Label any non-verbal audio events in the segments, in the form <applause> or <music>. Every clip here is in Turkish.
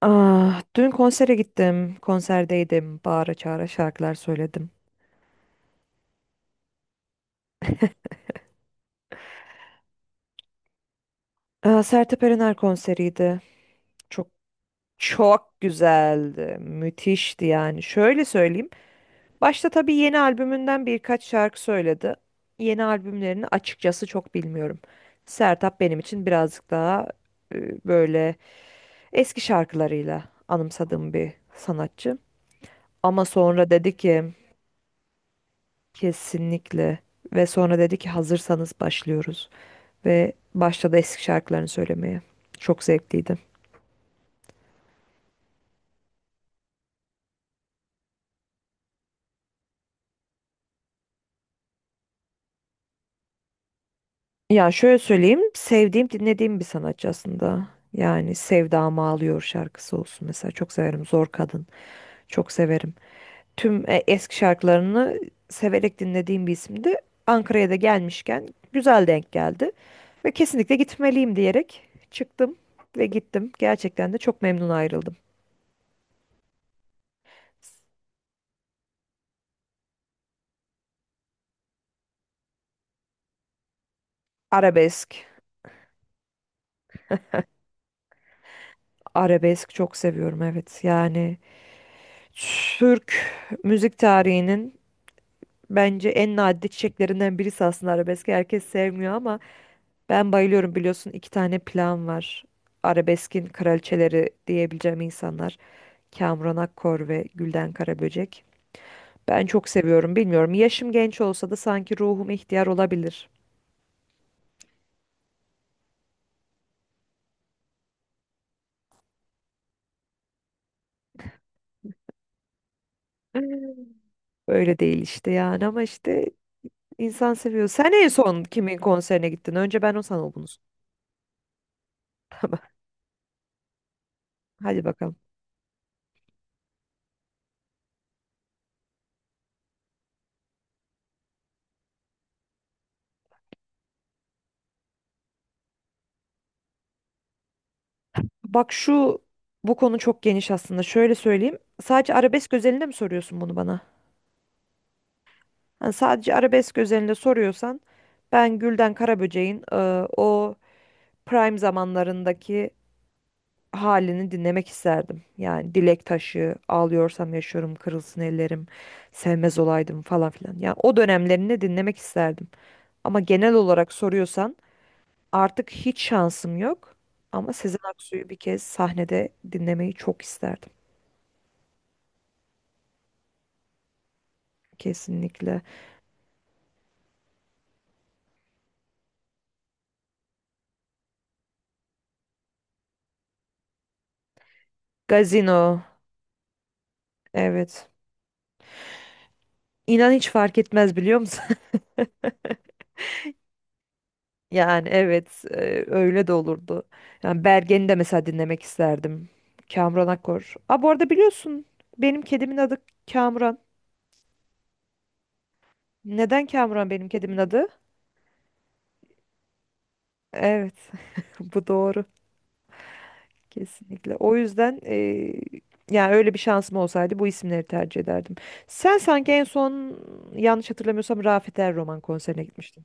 Ah, dün konsere gittim. Konserdeydim. Bağıra çağıra şarkılar söyledim. Ah, Sertab Erener konseriydi. Çok çok güzeldi. Müthişti yani. Şöyle söyleyeyim. Başta tabii yeni albümünden birkaç şarkı söyledi. Yeni albümlerini açıkçası çok bilmiyorum. Sertab benim için birazcık daha böyle eski şarkılarıyla anımsadığım bir sanatçı. Ama sonra dedi ki kesinlikle ve sonra dedi ki hazırsanız başlıyoruz. Ve başladı eski şarkılarını söylemeye. Çok zevkliydi. Ya şöyle söyleyeyim, sevdiğim, dinlediğim bir sanatçı aslında. Yani Sevdamı Ağlıyor şarkısı olsun mesela. Çok severim. Zor Kadın. Çok severim. Tüm eski şarkılarını severek dinlediğim bir isimdi. Ankara'ya da gelmişken güzel denk geldi. Ve kesinlikle gitmeliyim diyerek çıktım ve gittim. Gerçekten de çok memnun ayrıldım. Arabesk. Arabesk çok seviyorum, evet. Yani Türk müzik tarihinin bence en nadide çiçeklerinden birisi aslında arabeski. Herkes sevmiyor ama ben bayılıyorum, biliyorsun iki tane plan var. Arabeskin kraliçeleri diyebileceğim insanlar. Kamuran Akkor ve Gülden Karaböcek. Ben çok seviyorum, bilmiyorum. Yaşım genç olsa da sanki ruhum ihtiyar olabilir. Öyle değil işte yani, ama işte insan seviyor. Sen en son kimin konserine gittin? Önce ben o sana bunu. Hadi bakalım. Bak şu bu konu çok geniş aslında. Şöyle söyleyeyim. Sadece arabesk özelinde mi soruyorsun bunu bana? Hani sadece arabesk özelinde soruyorsan ben Gülden Karaböcek'in o prime zamanlarındaki halini dinlemek isterdim. Yani Dilek Taşı, Ağlıyorsam Yaşıyorum, Kırılsın Ellerim, Sevmez Olaydım falan filan. Yani o dönemlerini dinlemek isterdim. Ama genel olarak soruyorsan artık hiç şansım yok. Ama Sezen Aksu'yu bir kez sahnede dinlemeyi çok isterdim. Kesinlikle. Gazino. Evet. İnan hiç fark etmez, biliyor musun? <laughs> Yani evet, öyle de olurdu. Yani Bergen'i de mesela dinlemek isterdim. Kamuran Akkor. Aa, bu arada biliyorsun benim kedimin adı Kamuran. Neden Kamuran benim kedimin adı? Evet, <laughs> bu doğru, kesinlikle. O yüzden yani öyle bir şansım olsaydı bu isimleri tercih ederdim. Sen sanki en son, yanlış hatırlamıyorsam, Rafet Er Roman konserine gitmiştin.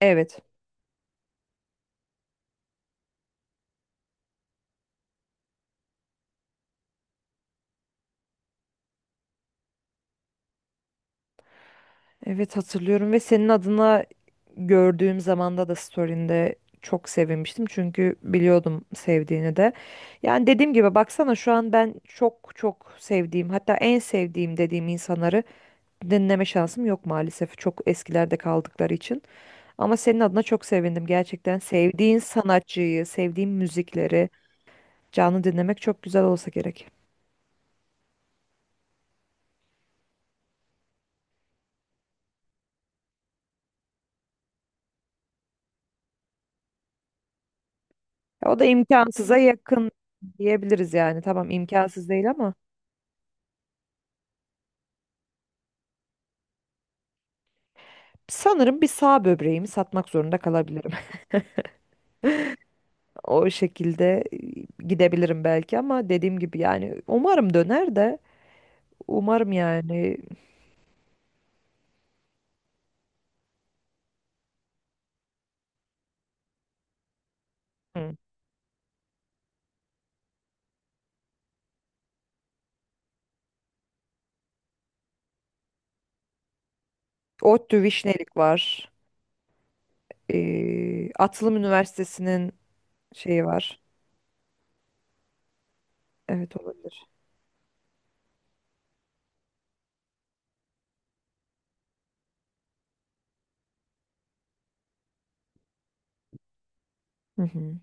Evet. Evet, hatırlıyorum ve senin adına gördüğüm zamanda da story'inde çok sevinmiştim. Çünkü biliyordum sevdiğini de. Yani dediğim gibi, baksana, şu an ben çok çok sevdiğim, hatta en sevdiğim dediğim insanları dinleme şansım yok maalesef. Çok eskilerde kaldıkları için. Ama senin adına çok sevindim gerçekten. Sevdiğin sanatçıyı, sevdiğin müzikleri canlı dinlemek çok güzel olsa gerek. O da imkansıza yakın diyebiliriz yani. Tamam, imkansız değil ama. Sanırım bir sağ böbreğimi satmak zorunda kalabilirim. <laughs> O şekilde gidebilirim belki, ama dediğim gibi yani umarım döner de umarım yani. Hı. ODTÜ Vişnelik var. Atılım Üniversitesi'nin şeyi var. Evet, olabilir. Hı hı.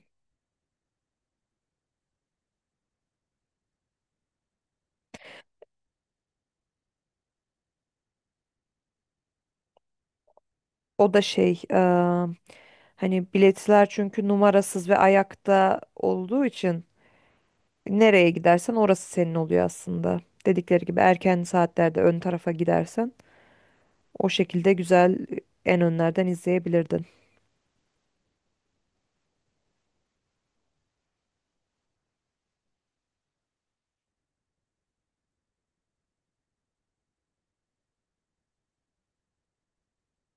O da şey, hani biletler çünkü numarasız ve ayakta olduğu için nereye gidersen orası senin oluyor aslında. Dedikleri gibi, erken saatlerde ön tarafa gidersen o şekilde güzel en önlerden izleyebilirdin.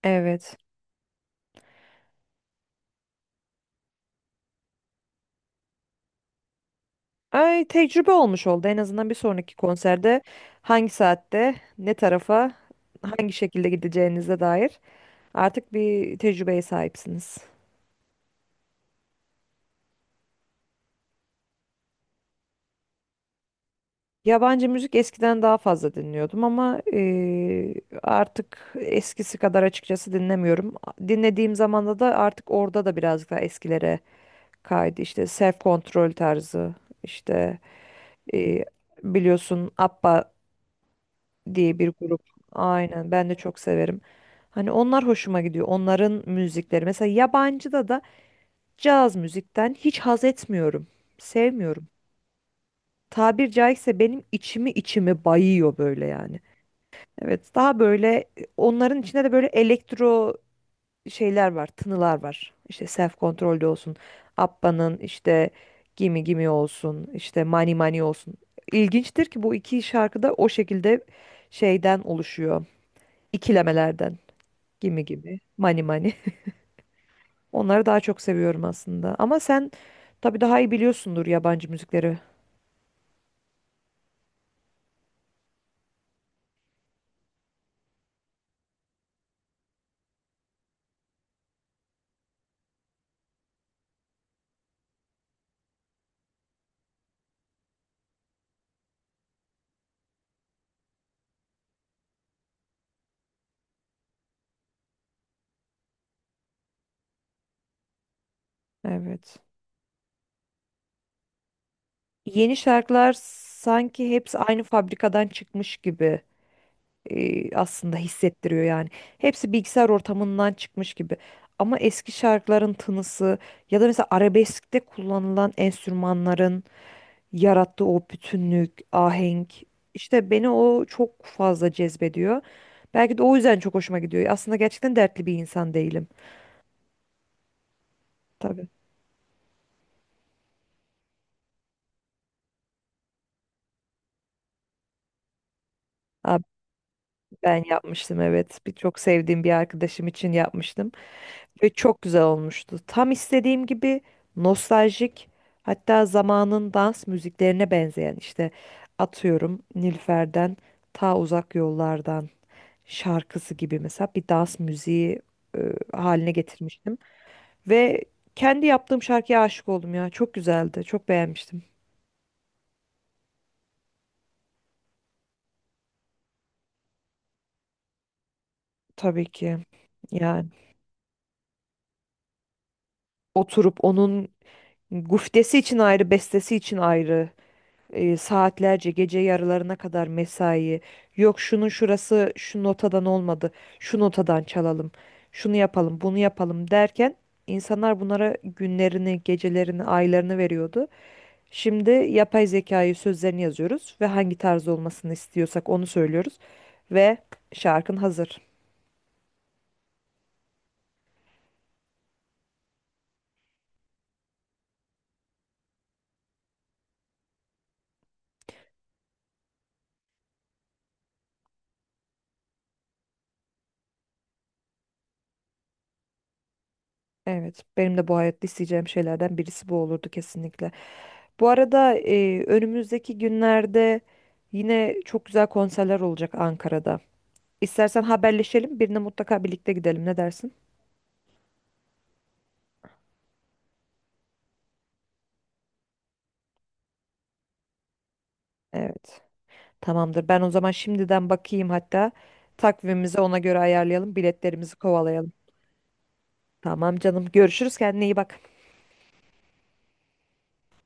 Evet. Ay, tecrübe olmuş oldu. En azından bir sonraki konserde hangi saatte, ne tarafa, hangi şekilde gideceğinize dair artık bir tecrübeye sahipsiniz. Yabancı müzik eskiden daha fazla dinliyordum ama artık eskisi kadar açıkçası dinlemiyorum. Dinlediğim zamanda da artık orada da birazcık daha eskilere kaydı. İşte Self Control tarzı, işte eee, biliyorsun ABBA diye bir grup. Aynen, ben de çok severim. Hani onlar hoşuma gidiyor. Onların müzikleri. Mesela yabancıda da caz müzikten hiç haz etmiyorum. Sevmiyorum. Tabir caizse benim içimi bayıyor böyle yani. Evet, daha böyle onların içinde de böyle elektro şeyler var, tınılar var. İşte Self Control'de olsun, Abba'nın işte Gimme Gimme olsun, işte Money Money olsun. İlginçtir ki bu iki şarkı da o şekilde şeyden oluşuyor, ikilemelerden. Gimi gibi. Mani mani. <laughs> Onları daha çok seviyorum aslında. Ama sen tabii daha iyi biliyorsundur yabancı müzikleri. Evet. Yeni şarkılar sanki hepsi aynı fabrikadan çıkmış gibi aslında hissettiriyor yani. Hepsi bilgisayar ortamından çıkmış gibi. Ama eski şarkıların tınısı ya da mesela arabeskte kullanılan enstrümanların yarattığı o bütünlük, ahenk, işte beni o çok fazla cezbediyor. Belki de o yüzden çok hoşuma gidiyor. Aslında gerçekten dertli bir insan değilim. Tabii. Abi ben yapmıştım, evet. Bir çok sevdiğim bir arkadaşım için yapmıştım ve çok güzel olmuştu. Tam istediğim gibi nostaljik, hatta zamanın dans müziklerine benzeyen, işte atıyorum Nilüfer'den Ta Uzak Yollardan şarkısı gibi mesela, bir dans müziği haline getirmiştim. Ve kendi yaptığım şarkıya aşık oldum ya. Çok güzeldi. Çok beğenmiştim. Tabii ki. Yani oturup onun guftesi için ayrı, bestesi için ayrı, saatlerce gece yarılarına kadar mesai. Yok şunun şurası şu notadan olmadı. Şu notadan çalalım. Şunu yapalım, bunu yapalım derken insanlar bunlara günlerini, gecelerini, aylarını veriyordu. Şimdi yapay zekayı sözlerini yazıyoruz ve hangi tarz olmasını istiyorsak onu söylüyoruz ve şarkın hazır. Evet, benim de bu hayatta isteyeceğim şeylerden birisi bu olurdu kesinlikle. Bu arada önümüzdeki günlerde yine çok güzel konserler olacak Ankara'da. İstersen haberleşelim, birine mutlaka birlikte gidelim. Ne dersin? Evet. Tamamdır. Ben o zaman şimdiden bakayım, hatta takvimimizi ona göre ayarlayalım, biletlerimizi kovalayalım. Tamam canım. Görüşürüz. Kendine iyi bak.